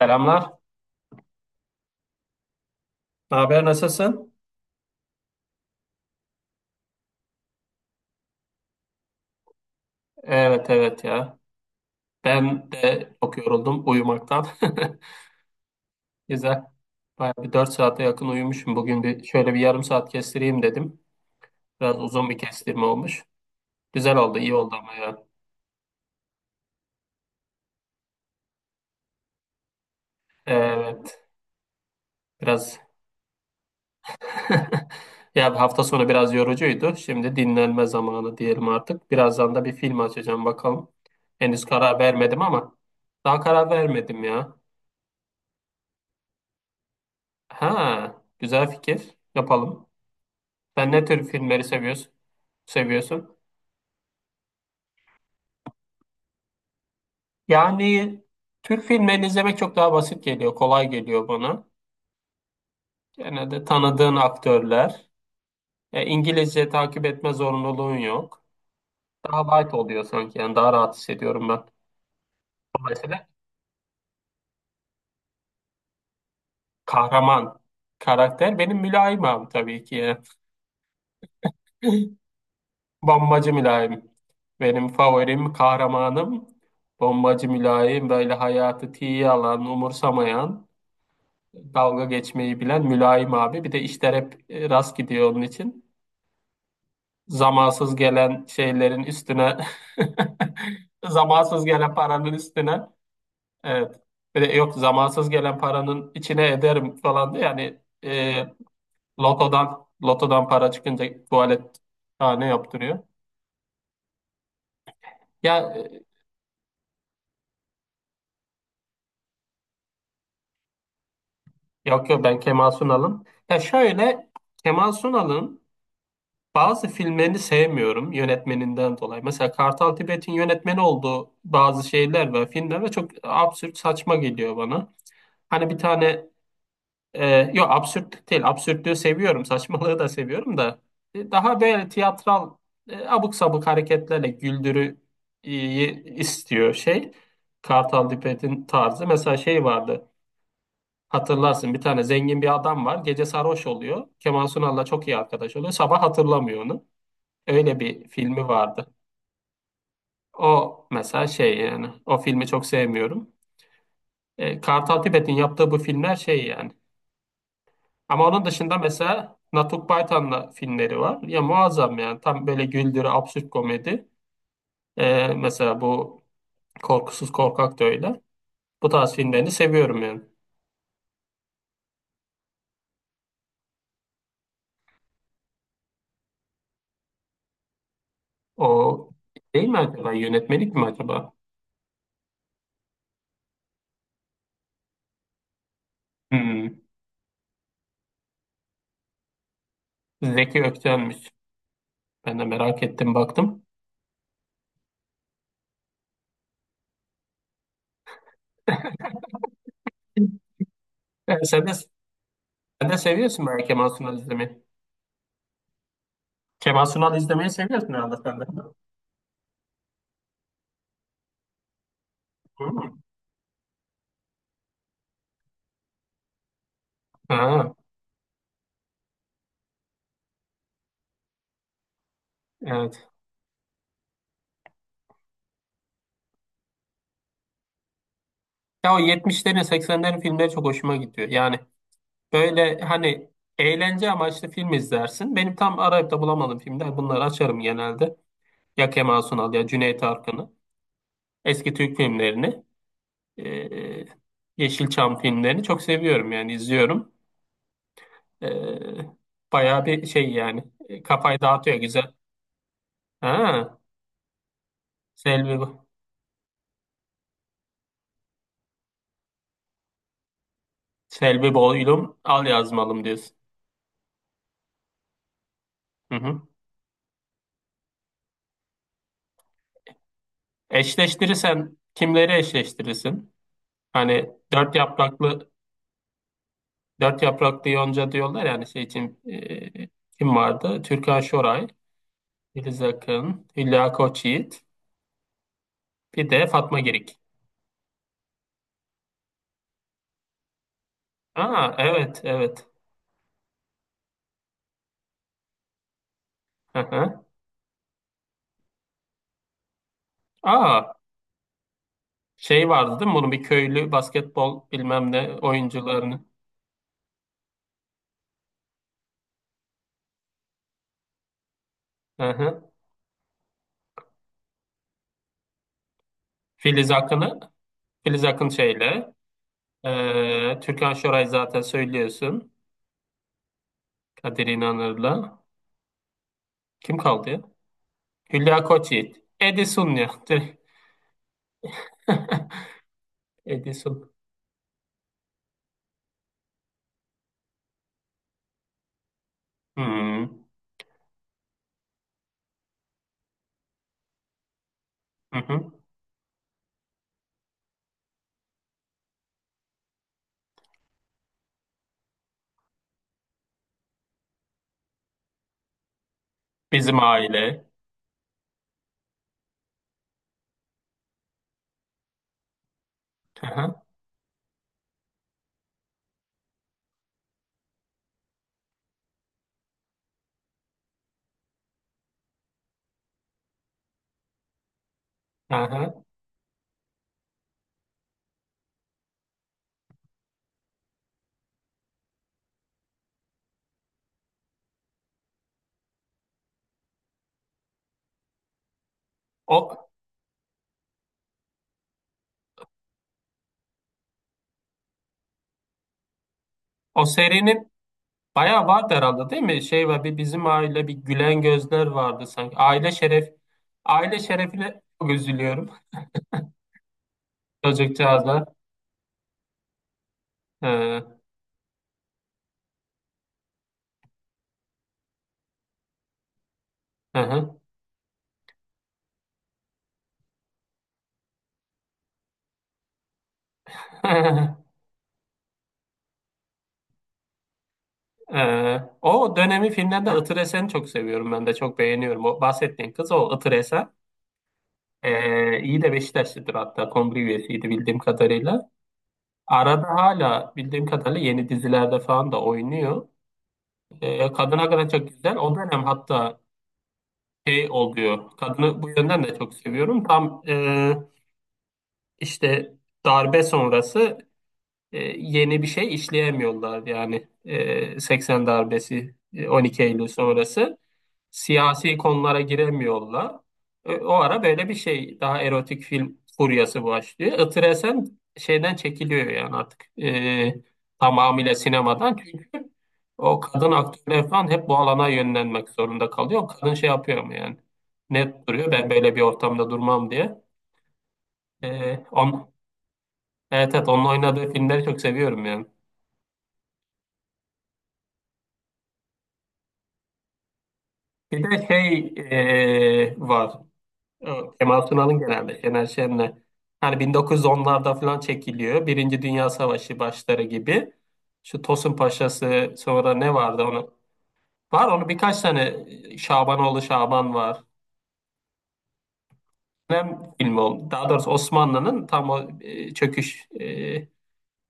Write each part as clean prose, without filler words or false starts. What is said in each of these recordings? Selamlar. Ne haber, nasılsın? Evet evet ya. Ben de çok yoruldum uyumaktan. Güzel. Bayağı bir 4 saate yakın uyumuşum. Bugün bir şöyle bir yarım saat kestireyim dedim. Biraz uzun bir kestirme olmuş. Güzel oldu, iyi oldu ama ya. Evet. Biraz ya, bir hafta sonu biraz yorucuydu. Şimdi dinlenme zamanı diyelim artık. Birazdan da bir film açacağım bakalım. Henüz karar vermedim ama daha karar vermedim ya. Ha, güzel fikir. Yapalım. Sen ne tür filmleri seviyorsun? Seviyorsun? Yani Türk filmlerini izlemek çok daha basit geliyor, kolay geliyor bana. Genelde tanıdığın aktörler. İngilizce takip etme zorunluluğun yok. Daha light oluyor sanki. Yani daha rahat hissediyorum ben. Dolayısıyla kahraman karakter benim mülayim abi tabii ki ya. Bombacı mülayim. Benim favorim, kahramanım. Bombacı mülayim, böyle hayatı tiye alan, umursamayan, dalga geçmeyi bilen mülayim abi. Bir de işler hep rast gidiyor onun için. Zamansız gelen şeylerin üstüne zamansız gelen paranın üstüne. Evet. Bir de yok, zamansız gelen paranın içine ederim falan diye yani. Lotodan para çıkınca tuvalet tane yaptırıyor. Ya yok yok, ben Kemal Sunal'ım. Ya şöyle, Kemal Sunal'ın bazı filmlerini sevmiyorum yönetmeninden dolayı. Mesela Kartal Tibet'in yönetmeni olduğu bazı şeyler ve filmler ve çok absürt, saçma geliyor bana. Hani bir tane e, yok, absürt değil. Absürtlüğü seviyorum. Saçmalığı da seviyorum da daha böyle tiyatral, abuk sabuk hareketlerle güldürü istiyor şey. Kartal Tibet'in tarzı. Mesela şey vardı. Hatırlarsın, bir tane zengin bir adam var. Gece sarhoş oluyor. Kemal Sunal'la çok iyi arkadaş oluyor. Sabah hatırlamıyor onu. Öyle bir filmi vardı. O mesela şey yani, o filmi çok sevmiyorum. Kartal Tibet'in yaptığı bu filmler şey yani. Ama onun dışında mesela Natuk Baytan'la filmleri var. Ya muazzam yani, tam böyle güldürü, absürt komedi. Mesela bu Korkusuz Korkak da öyle. Bu tarz filmlerini seviyorum yani. O değil mi acaba, yönetmelik mi acaba? Hmm. Zeki Ökten'miş. Ben de merak ettim, baktım. E, sen de, sen de seviyorsun belki Mansun izlemeyi. Kemal Sunal izlemeyi seviyorsun herhalde sen de. Hmm. Ha, evet. Ya o 70'lerin 80'lerin filmleri çok hoşuma gidiyor. Yani böyle, hani eğlence amaçlı film izlersin. Benim tam arayıp da bulamadığım filmler, bunları açarım genelde. Ya Kemal Sunal, ya Cüneyt Arkın'ı. Eski Türk filmlerini. eee, Yeşilçam filmlerini çok seviyorum yani, izliyorum. Eee bayağı bir şey yani. Kafayı dağıtıyor, güzel. Ha, Selvi, Selvi Boylum Al Yazmalım diyorsun. Hı hı. Eşleştirirsen kimleri eşleştirirsin? Hani dört yapraklı yonca diyorlar yani, şey için kim vardı? Türkan Şoray, Filiz Akın, Hülya Koçyiğit, bir de Fatma Girik. Aa, evet evet. Hı hı. Aa, şey vardı değil mi? Bunun bir köylü basketbol bilmem ne oyuncularını. Hı hı. Filiz Akın'ı Filiz Akın şeyle, Türkan Şoray zaten söylüyorsun. Kadir İnanır'la. Kim kaldı ya? Hülya Koçyiğit. Edison ya. Direkt. Edison. Hmm. Hı hı. Bizim Aile. Hı hı. Hı hı. O, o serinin bayağı vardı herhalde değil mi? Şey var, bir Bizim Aile, bir Gülen Gözler vardı sanki. Aile Şerefine çok üzülüyorum. Çocukcağızda. Ee, Hı hı. O dönemi filmlerde Itır Esen'i çok seviyorum, ben de çok beğeniyorum. O bahsettiğin kız, o Itır Esen. İyi de Beşiktaşlıdır, hatta kongre üyesiydi bildiğim kadarıyla. Arada hala bildiğim kadarıyla yeni dizilerde falan da oynuyor. Kadına göre çok güzel. O dönem hatta şey oluyor. Kadını bu yönden de çok seviyorum. Tam işte darbe sonrası yeni bir şey işleyemiyorlar. Yani 80 darbesi, 12 Eylül sonrası. Siyasi konulara giremiyorlar. O ara böyle bir şey, daha erotik film furyası başlıyor. Itır Esen şeyden çekiliyor yani artık, tamamıyla sinemadan, çünkü o kadın aktörler falan hep bu alana yönlenmek zorunda kalıyor. Kadın şey yapıyor mu yani, net duruyor, ben böyle bir ortamda durmam diye. E, on, evet evet onun oynadığı filmleri çok seviyorum yani. Bir de şey var. O Kemal Sunal'ın, genelde Şener Şen'le. Hani 1910'larda falan çekiliyor. Birinci Dünya Savaşı başları gibi. Şu Tosun Paşa'sı, sonra ne vardı onu? Var onu birkaç tane, Şabanoğlu Şaban var. Hem film oldu. Daha doğrusu Osmanlı'nın tam o çöküş, e,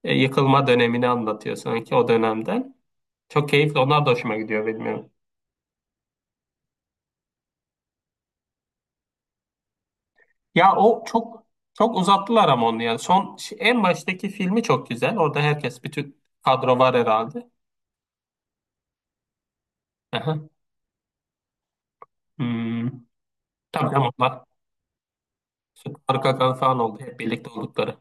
e, yıkılma dönemini anlatıyor sanki, o dönemden. Çok keyifli. Onlar da hoşuma gidiyor, bilmiyorum. Ya o çok, çok uzattılar ama onu yani. Son, en baştaki filmi çok güzel. Orada herkes, bütün kadro var herhalde. Aha. Hmm. Tabii canım, onlar arka arka falan oldu. Hep birlikte oldukları.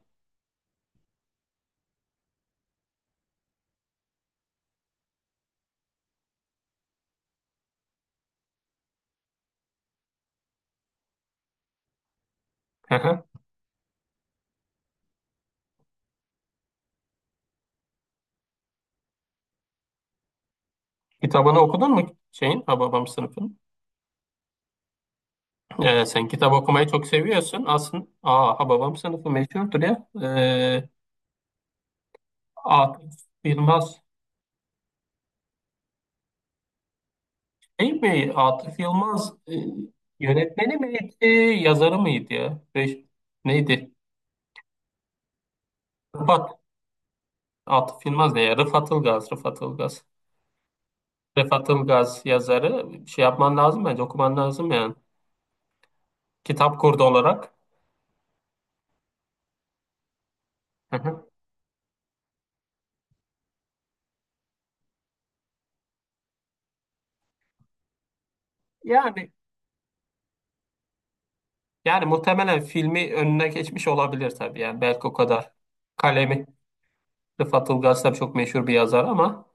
Aha. Kitabını okudun mu şeyin, Hababam sınıfın? Sen kitap okumayı çok seviyorsun. Aslında, aa, Hababam Sınıfı meşhurdur ya. Atıf Yılmaz. Şey mi? Atıf Yılmaz yönetmeni miydi? Yazarı mıydı ya? Neydi? Rıfat. Atıf Yılmaz ne ya? Rıfat Ilgaz. Rıfat Ilgaz. Rıfat Ilgaz yazarı. Şey yapman lazım bence. Okuman lazım yani. Kitap kurdu olarak. Hı hı. Yani yani muhtemelen filmi önüne geçmiş olabilir tabii, yani belki o kadar. Kalemi, Rıfat Ilgaz tabii çok meşhur bir yazar ama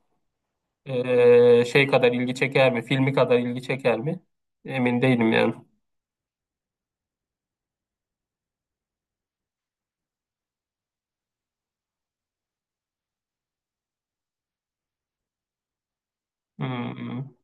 şey kadar ilgi çeker mi? Filmi kadar ilgi çeker mi? Emin değilim yani. Hmm.